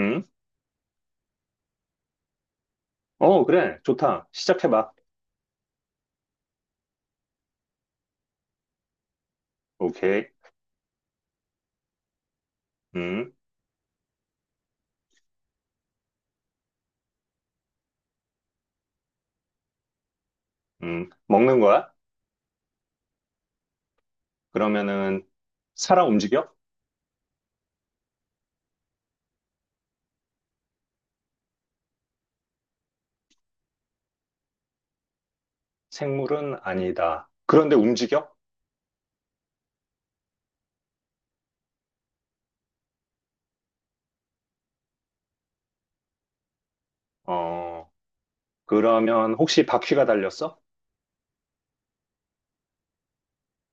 응? 어, 그래. 좋다. 시작해봐. 오케이. 음, 먹는 거야? 그러면은, 살아 움직여? 생물은 아니다. 그런데 움직여? 어, 그러면 혹시 바퀴가 달렸어?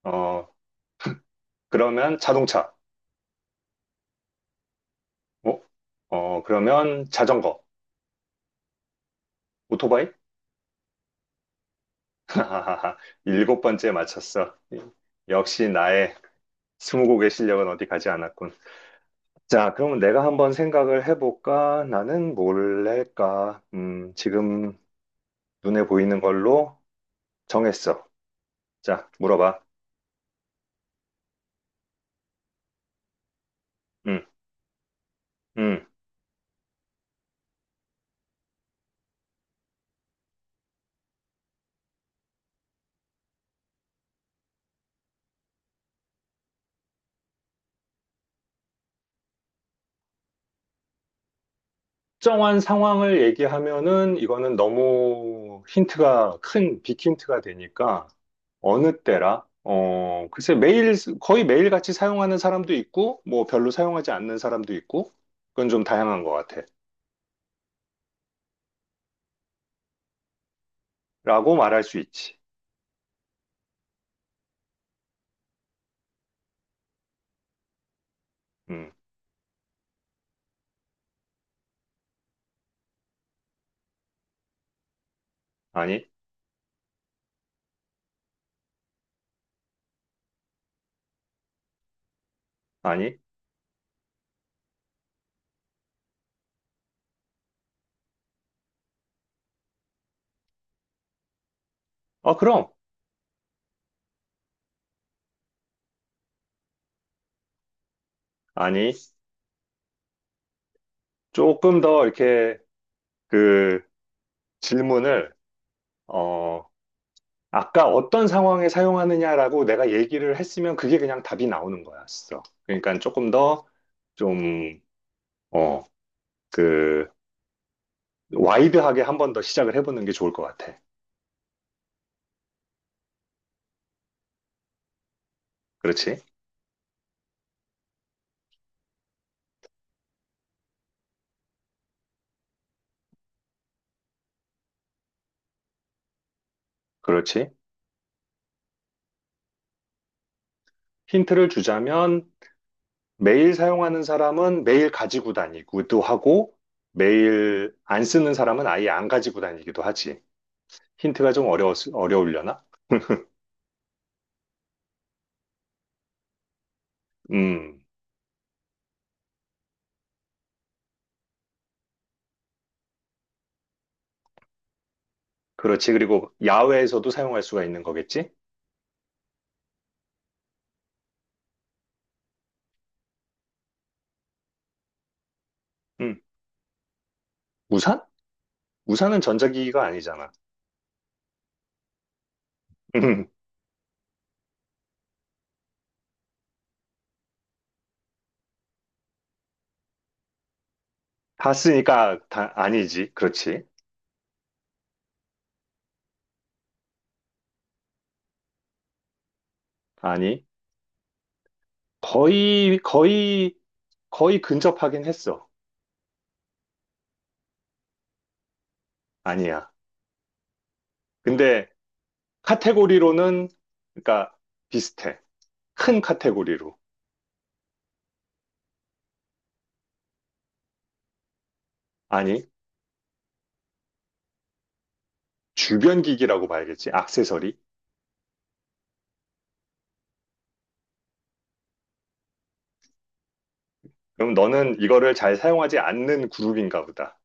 어, 그러면 자동차. 어? 어, 그러면 자전거. 오토바이? 하하하. 일곱 번째 맞췄어. 역시 나의 스무고개 실력은 어디 가지 않았군. 자, 그러면 내가 한번 생각을 해볼까? 나는 뭘 할까? 지금 눈에 보이는 걸로 정했어. 자, 물어봐. 음, 음. 특정한 상황을 얘기하면은 이거는 너무 힌트가 큰 빅힌트가 되니까. 어느 때라, 글쎄, 매일 거의 매일 같이 사용하는 사람도 있고, 뭐 별로 사용하지 않는 사람도 있고, 그건 좀 다양한 것 같아라고 말할 수 있지. 음 아니. 아니. 어, 그럼. 아니. 조금 더 이렇게 그 질문을, 어 아까 어떤 상황에 사용하느냐라고 내가 얘기를 했으면 그게 그냥 답이 나오는 거였어. 그러니까 조금 더 좀, 어, 그, 와이드하게 한번 더 시작을 해보는 게 좋을 것 같아. 그렇지? 그렇지? 힌트를 주자면, 매일 사용하는 사람은 매일 가지고 다니기도 하고, 매일 안 쓰는 사람은 아예 안 가지고 다니기도 하지. 힌트가 좀 어려우려나? 음, 그렇지. 그리고 야외에서도 사용할 수가 있는 거겠지? 음, 우산? 우산은 전자기기가 아니잖아. 음, 봤으니까 다 아니지. 그렇지. 아니. 거의, 거의, 거의 근접하긴 했어. 아니야. 근데 카테고리로는, 그러니까, 비슷해. 큰 카테고리로. 아니. 주변 기기라고 봐야겠지. 액세서리. 그럼 너는 이거를 잘 사용하지 않는 그룹인가 보다.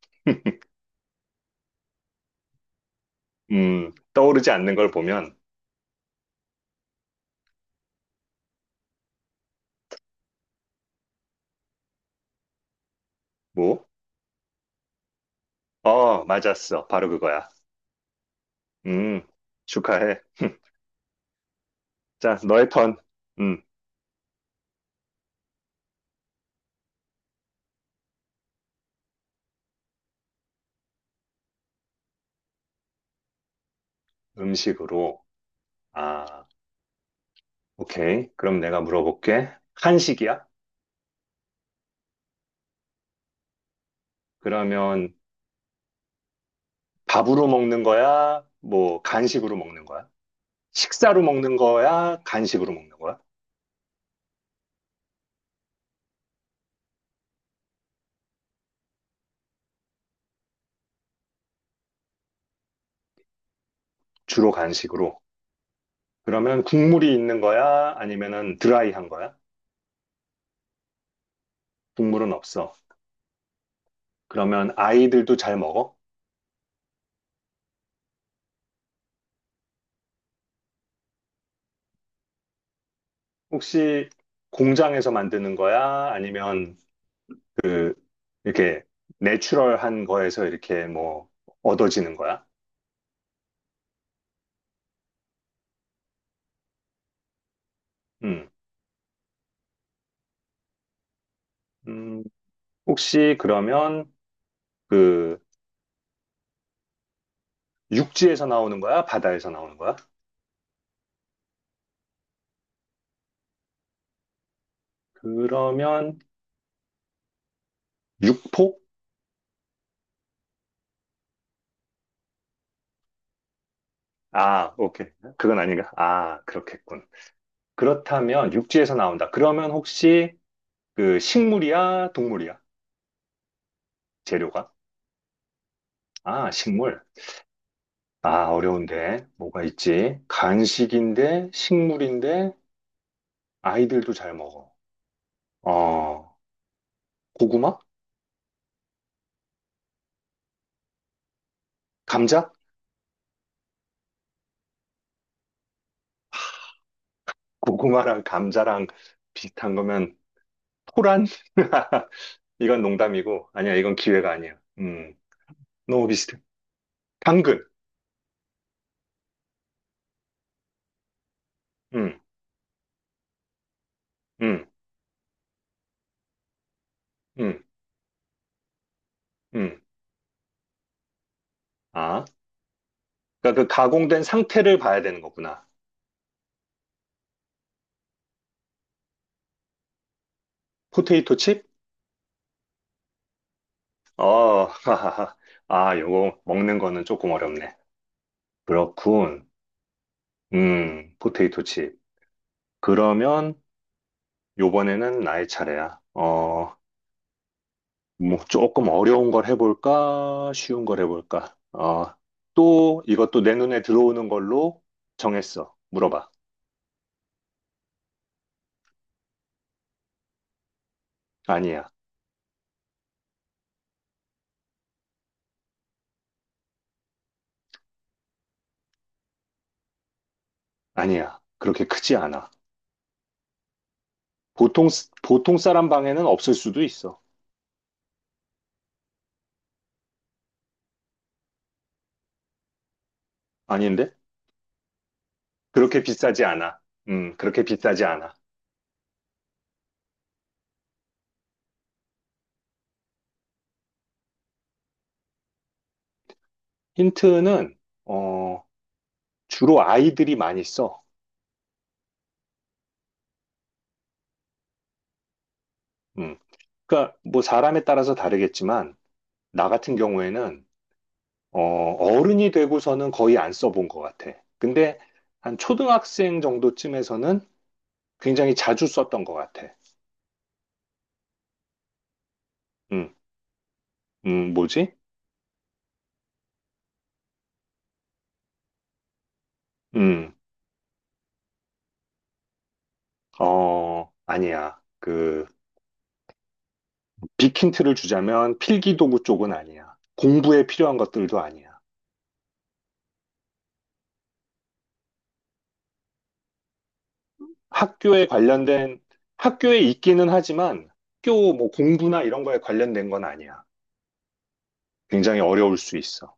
떠오르지 않는 걸 보면, 뭐? 어, 맞았어. 바로 그거야. 음, 축하해. 자, 너의 턴. 음, 음식으로. 아. 오케이. 그럼 내가 물어볼게. 한식이야? 그러면 밥으로 먹는 거야? 뭐 간식으로 먹는 거야? 식사로 먹는 거야? 간식으로 먹는 거야? 주로 간식으로. 그러면 국물이 있는 거야? 아니면은 드라이한 거야? 국물은 없어. 그러면 아이들도 잘 먹어? 혹시 공장에서 만드는 거야? 아니면 그 이렇게 내추럴한 거에서 이렇게 뭐 얻어지는 거야? 음. 음, 혹시 그러면 그 육지에서 나오는 거야? 바다에서 나오는 거야? 그러면 육포? 아, 오케이. 그건 아닌가? 아, 그렇겠군. 그렇다면 육지에서 나온다. 그러면 혹시 그 식물이야? 동물이야? 재료가? 아, 식물. 아, 어려운데. 뭐가 있지? 간식인데, 식물인데, 아이들도 잘 먹어. 어, 고구마? 감자? 고구마랑 감자랑 비슷한 거면 토란? 이건 농담이고, 아니야, 이건 기회가 아니야. 너무 비슷해. 당근. 음, 음, 음, 음. 아, 그러니까 그 가공된 상태를 봐야 되는 거구나. 포테이토 칩? 어, 하하하. 아, 요거 먹는 거는 조금 어렵네. 그렇군. 포테이토 칩. 그러면 요번에는 나의 차례야. 뭐 조금 어려운 걸 해볼까? 쉬운 걸 해볼까? 또 이것도 내 눈에 들어오는 걸로 정했어. 물어봐. 아니야, 아니야. 그렇게 크지 않아. 보통, 보통 사람 방에는 없을 수도 있어. 아닌데? 그렇게 비싸지 않아. 그렇게 비싸지 않아. 힌트는, 어, 주로 아이들이 많이 써. 음, 그러니까 뭐 사람에 따라서 다르겠지만, 나 같은 경우에는, 어른이 되고서는 거의 안 써본 것 같아. 근데 한 초등학생 정도쯤에서는 굉장히 자주 썼던 것 같아. 음, 뭐지? 음, 아니야. 그, 빅힌트를 주자면 필기도구 쪽은 아니야. 공부에 필요한 것들도 아니야. 학교에 관련된, 학교에 있기는 하지만 학교 뭐 공부나 이런 거에 관련된 건 아니야. 굉장히 어려울 수 있어.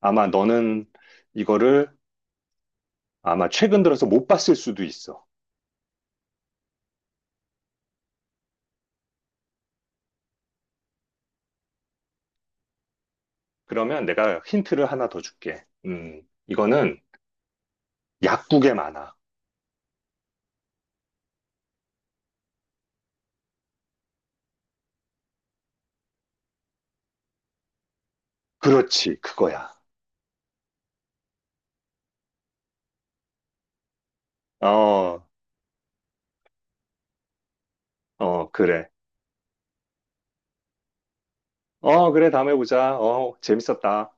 아마 너는 이거를 아마 최근 들어서 못 봤을 수도 있어. 그러면 내가 힌트를 하나 더 줄게. 이거는 약국에 많아. 그렇지, 그거야. 어, 어, 그래. 어, 그래, 다음에 보자. 어, 재밌었다.